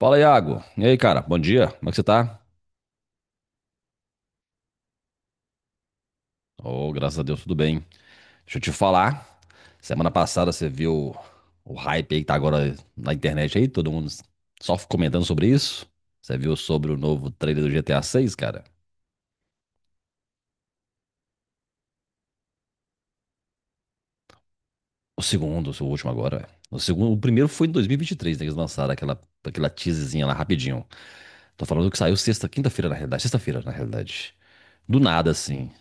Fala, Iago. E aí, cara? Bom dia. Como é que você tá? Oh, graças a Deus, tudo bem. Deixa eu te falar. Semana passada você viu o hype aí que tá agora na internet aí, todo mundo só comentando sobre isso. Você viu sobre o novo trailer do GTA 6, cara? O segundo, o último agora, velho. O segundo, o primeiro foi em 2023, né, que eles lançaram aquela teaserzinha lá rapidinho. Tô falando que saiu sexta, quinta-feira na realidade, sexta-feira na realidade. Do nada assim.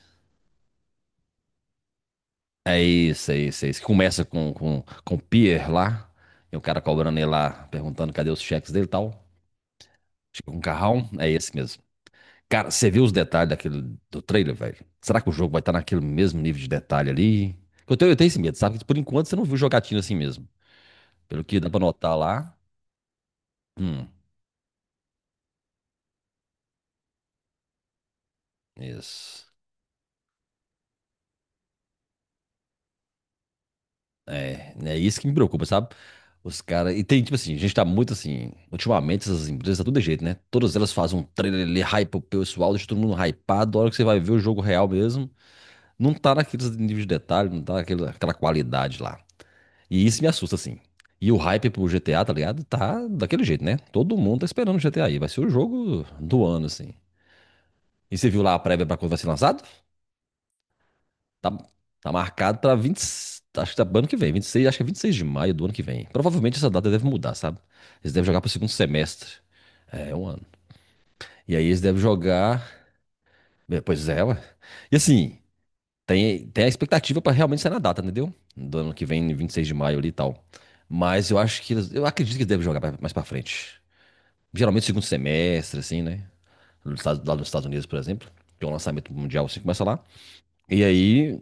É isso, é isso, é isso. Que começa com o Pierre lá, e o cara cobrando ele lá, perguntando cadê os cheques dele e tal. Chega um carrão, é esse mesmo. Cara, você viu os detalhes daquele, do trailer, velho? Será que o jogo vai estar naquele mesmo nível de detalhe ali? Eu tenho esse medo, sabe? Que por enquanto você não viu jogatina assim mesmo. Pelo que dá pra notar lá. Hum, isso. É, né, é isso que me preocupa, sabe? Os caras. E tem, tipo assim, a gente tá muito assim. Ultimamente, essas empresas tá tudo de jeito, né? Todas elas fazem um trailer ali, hype pro pessoal, deixa todo mundo hypado. A hora que você vai ver o jogo real mesmo, não tá naqueles níveis de detalhe, não tá naquele, aquela qualidade lá. E isso me assusta, assim. E o hype pro GTA, tá ligado? Tá daquele jeito, né? Todo mundo tá esperando o GTA aí. Vai ser o jogo do ano, assim. E você viu lá a prévia pra quando vai ser lançado? Tá, tá marcado pra 20 acho que tá pro ano que vem, 26 acho que é 26 de maio do ano que vem. Provavelmente essa data deve mudar, sabe? Eles devem jogar pro segundo semestre. É, um ano. E aí eles devem jogar. Pois é, ué. E assim, tem a expectativa pra realmente ser na data, entendeu? Do ano que vem, 26 de maio ali e tal. Mas eu acho que eles, eu acredito que eles devem jogar mais pra frente. Geralmente segundo semestre, assim, né? Lá nos Estados Unidos, por exemplo. Tem um lançamento mundial assim, começa lá. E aí,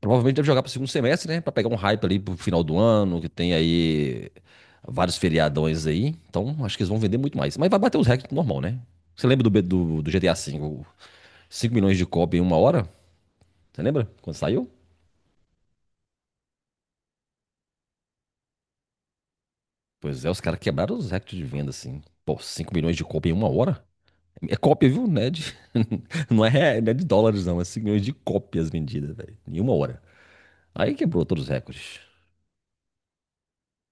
provavelmente deve jogar para o segundo semestre, né? Para pegar um hype ali pro final do ano, que tem aí vários feriadões aí. Então, acho que eles vão vender muito mais. Mas vai bater os recordes normal, né? Você lembra do GTA V? 5 milhões de cópia em uma hora? Você lembra? Quando saiu? Pois é, os caras quebraram os recordes de venda, assim. Pô, 5 milhões de cópia em uma hora? É cópia, viu? Não é de dólares, não. É 5 milhões de cópias vendidas, velho. Em uma hora. Aí quebrou todos os recordes.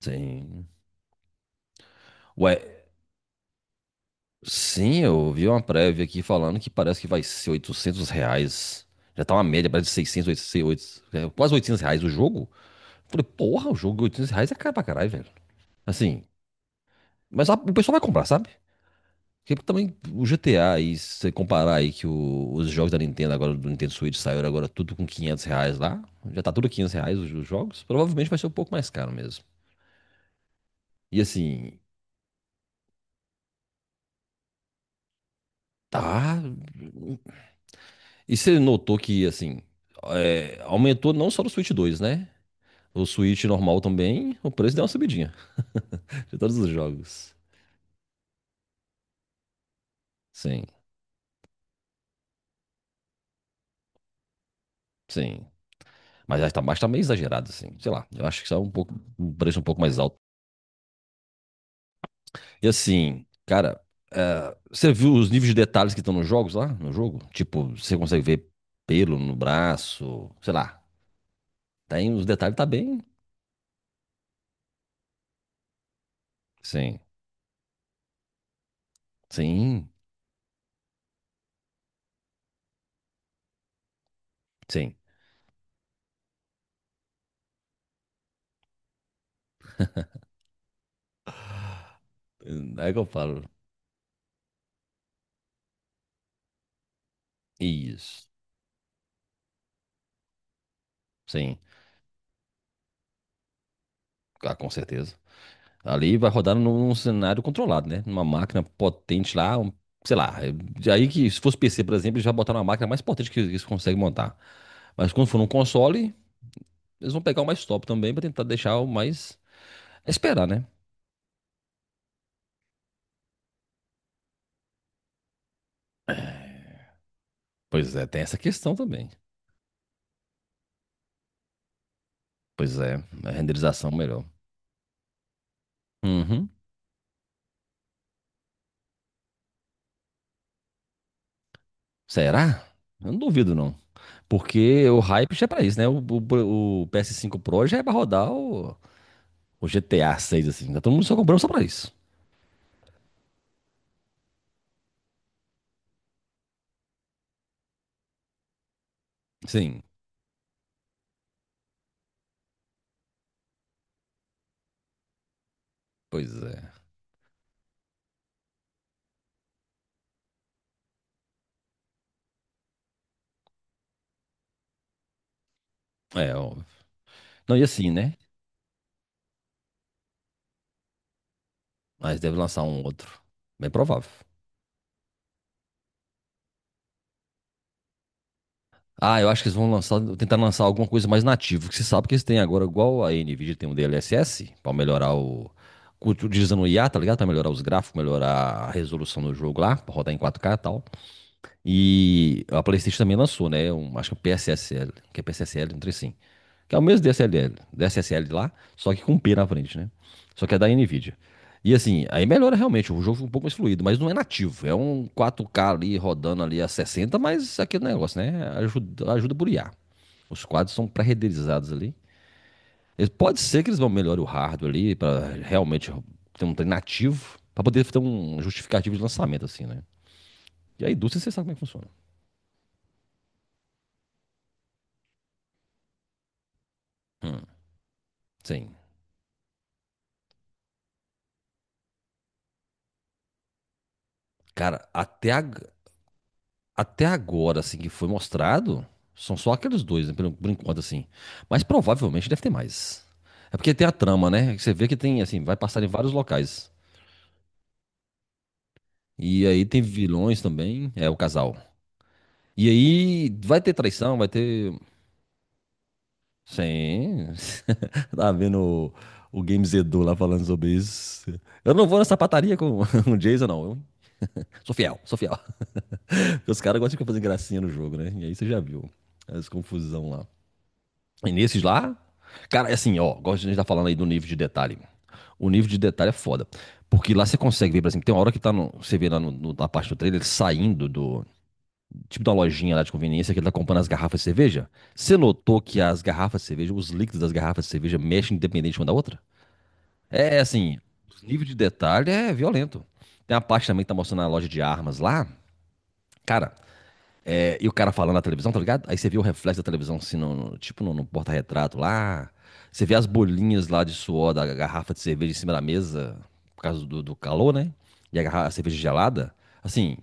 Sim. Ué, sim, eu vi uma prévia aqui falando que parece que vai ser R$ 800. Já tá uma média, parece de 600 800, 800, é, quase R$ 800 o jogo. Eu falei, porra, o jogo de R$ 800 é caro pra caralho, velho. Assim, o pessoal vai comprar, sabe? Porque também o GTA aí, se você comparar aí os jogos da Nintendo agora, do Nintendo Switch, saíram agora tudo com R$ 500 lá. Já tá tudo R$ 500 os jogos. Provavelmente vai ser um pouco mais caro mesmo. E assim, tá... E você notou que, assim, aumentou não só no Switch dois, né? O Switch normal também, o preço deu uma subidinha de todos os jogos. Sim, sim. Mas tá meio exagerado, assim. Sei lá, eu acho que está um pouco, um preço um pouco mais alto. E assim, cara, você viu os níveis de detalhes que estão nos jogos lá, no jogo? Tipo, você consegue ver pelo no braço, sei lá. Tem os detalhes, tá bem. Sim, sim, sim. É que eu falo. Isso, sim. Ah, com certeza. Ali vai rodar num cenário controlado, né? Numa máquina potente lá, sei lá. Aí que se fosse PC, por exemplo, eles já botaram uma máquina mais potente que eles conseguem montar. Mas quando for num console, eles vão pegar o mais top também para tentar deixar o mais. Esperar, né? Pois é, tem essa questão também. Pois é, a renderização melhor. Uhum. Será? Eu não duvido, não. Porque o hype já é pra isso, né? O PS5 Pro já é pra rodar o GTA 6, assim. Tá todo mundo só comprando só pra isso. Sim, pois é. É, ó, não, e assim, né? Mas deve lançar um outro. Bem provável. Ah, eu acho que eles vão lançar, tentar lançar alguma coisa mais nativa, que você sabe que eles têm agora, igual a Nvidia tem um DLSS, pra melhorar o. Utilizando o IA, tá ligado? Pra melhorar os gráficos, melhorar a resolução do jogo lá, pra rodar em quatro k e tal. E a PlayStation também lançou, né? Um, acho que é o PSSL, que é PSSL, não sei assim. Que é o mesmo DSLL, DSSL lá, só que com P na frente, né? Só que é da Nvidia. E assim, aí melhora realmente, o jogo fica um pouco mais fluido, mas não é nativo. É um 4K ali rodando ali a 60, mas aquele negócio, né? Ajuda, ajuda por IA. Os quadros são pré-renderizados ali. Pode ser que eles vão melhorar o hardware ali para realmente ter um trem nativo, para poder ter um justificativo de lançamento, assim, né? E a indústria, você sabe como é que funciona. Hum, sim. Cara, até agora, assim, que foi mostrado, são só aqueles dois, né, por enquanto, assim. Mas provavelmente deve ter mais. É porque tem a trama, né? que Você vê que tem, assim, vai passar em vários locais. E aí tem vilões também, é o casal. E aí vai ter traição, vai ter. Sim. Tá vendo o Games Edu lá falando sobre isso. Eu não vou nessa pataria com o Jason, não. Eu sou fiel, sou fiel. Os caras gostam de ficar fazendo gracinha no jogo, né? E aí você já viu as confusão lá. E nesses lá, cara, é assim, ó, gosto de a gente tá falando aí do nível de detalhe. O nível de detalhe é foda. Porque lá você consegue ver, por exemplo, tem uma hora que tá no, você vê lá na parte do trailer ele saindo do tipo da lojinha lá de conveniência que ele tá comprando as garrafas de cerveja. Você notou que as garrafas de cerveja, os líquidos das garrafas de cerveja mexem independente uma da outra? É assim, o nível de detalhe é violento. Tem a parte também que tá mostrando a loja de armas lá. Cara, e o cara falando na televisão, tá ligado? Aí você vê o reflexo da televisão, assim, tipo no porta-retrato lá. Você vê as bolinhas lá de suor da garrafa de cerveja em cima da mesa, por causa do calor, né? E a, a cerveja gelada. Assim,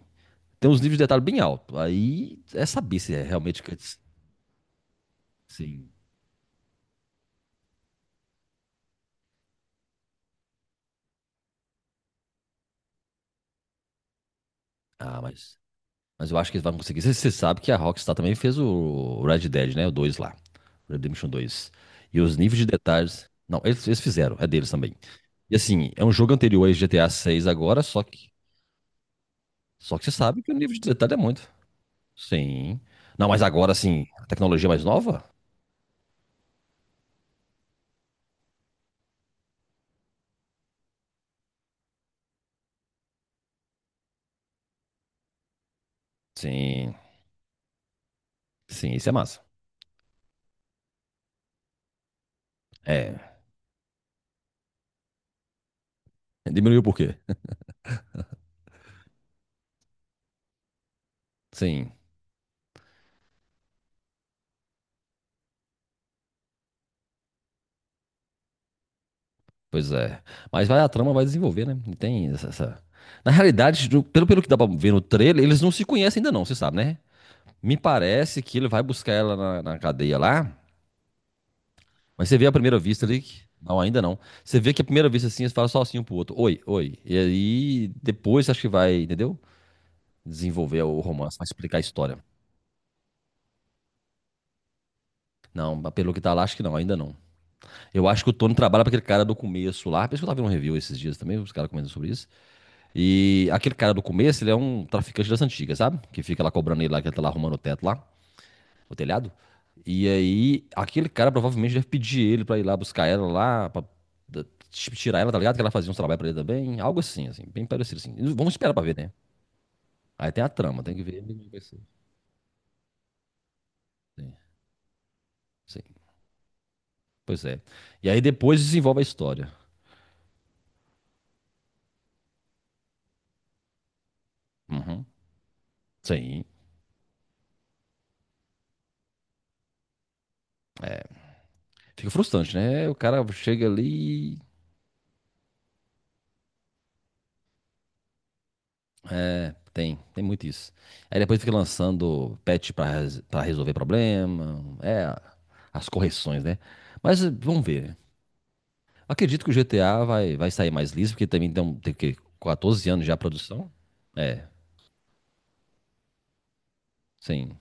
tem uns níveis de detalhe bem alto. Aí é saber se é realmente que. Sim. Ah, mas. Mas eu acho que eles vão conseguir. Você sabe que a Rockstar também fez o Red Dead, né? O 2 lá. Redemption 2. E os níveis de detalhes. Não, eles fizeram, é deles também. E assim, é um jogo anterior a GTA 6 agora, só que só que você sabe que o nível de detalhe é muito. Sim. Não, mas agora sim, a tecnologia mais nova? Sim. Sim, isso é massa. É. Diminuiu por quê? Sim, pois é. Mas vai a trama vai desenvolver, né? E tem essa, essa- Na realidade, pelo, pelo que dá pra ver no trailer, eles não se conhecem ainda não, você sabe, né? Me parece que ele vai buscar ela na, na cadeia lá, mas você vê à primeira vista ali que... Não, ainda não. Você vê que à primeira vista assim, eles falam só assim um pro outro. Oi, oi. E aí, depois acho que vai, entendeu? Desenvolver o romance, vai explicar a história. Não, mas pelo que tá lá, acho que não, ainda não. Eu acho que o Tony trabalha pra aquele cara do começo lá. Parece que eu tava vendo um review esses dias também, os caras comentando sobre isso. E aquele cara do começo, ele é um traficante das antigas, sabe? Que fica lá cobrando ele lá, que ele tá lá arrumando o teto lá, o telhado. E aí, aquele cara provavelmente deve pedir ele pra ir lá buscar ela lá, pra da- tirar ela, tá ligado? Que ela fazia uns trabalhos pra ele também, algo assim, assim, bem parecido assim. Vamos esperar pra ver, né? Aí tem a trama, tem que ver. Sim, sim. Pois é. E aí depois desenvolve a história. Uhum. Sim. Fica frustrante, né? O cara chega ali. É, tem, tem muito isso. Aí depois fica lançando patch pra resolver problema. É, as correções, né? Mas vamos ver, né? Acredito que o GTA vai, vai sair mais liso, porque também tem, tem o quê? 14 anos já a produção. É, sim.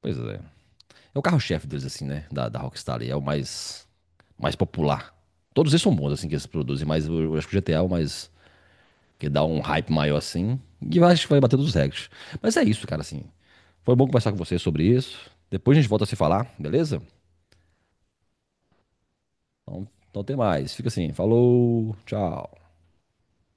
Pois é. É o carro-chefe deles, assim, né? Da Rockstar ali. É o mais, mais popular. Todos eles são bons, assim, que eles produzem, mas eu acho que o GTA é o mais que dá um hype maior assim. E eu acho que vai bater todos os recordes. Mas é isso, cara, assim. Foi bom conversar com você sobre isso. Depois a gente volta a se falar, beleza? Então até mais. Fica assim. Falou, tchau.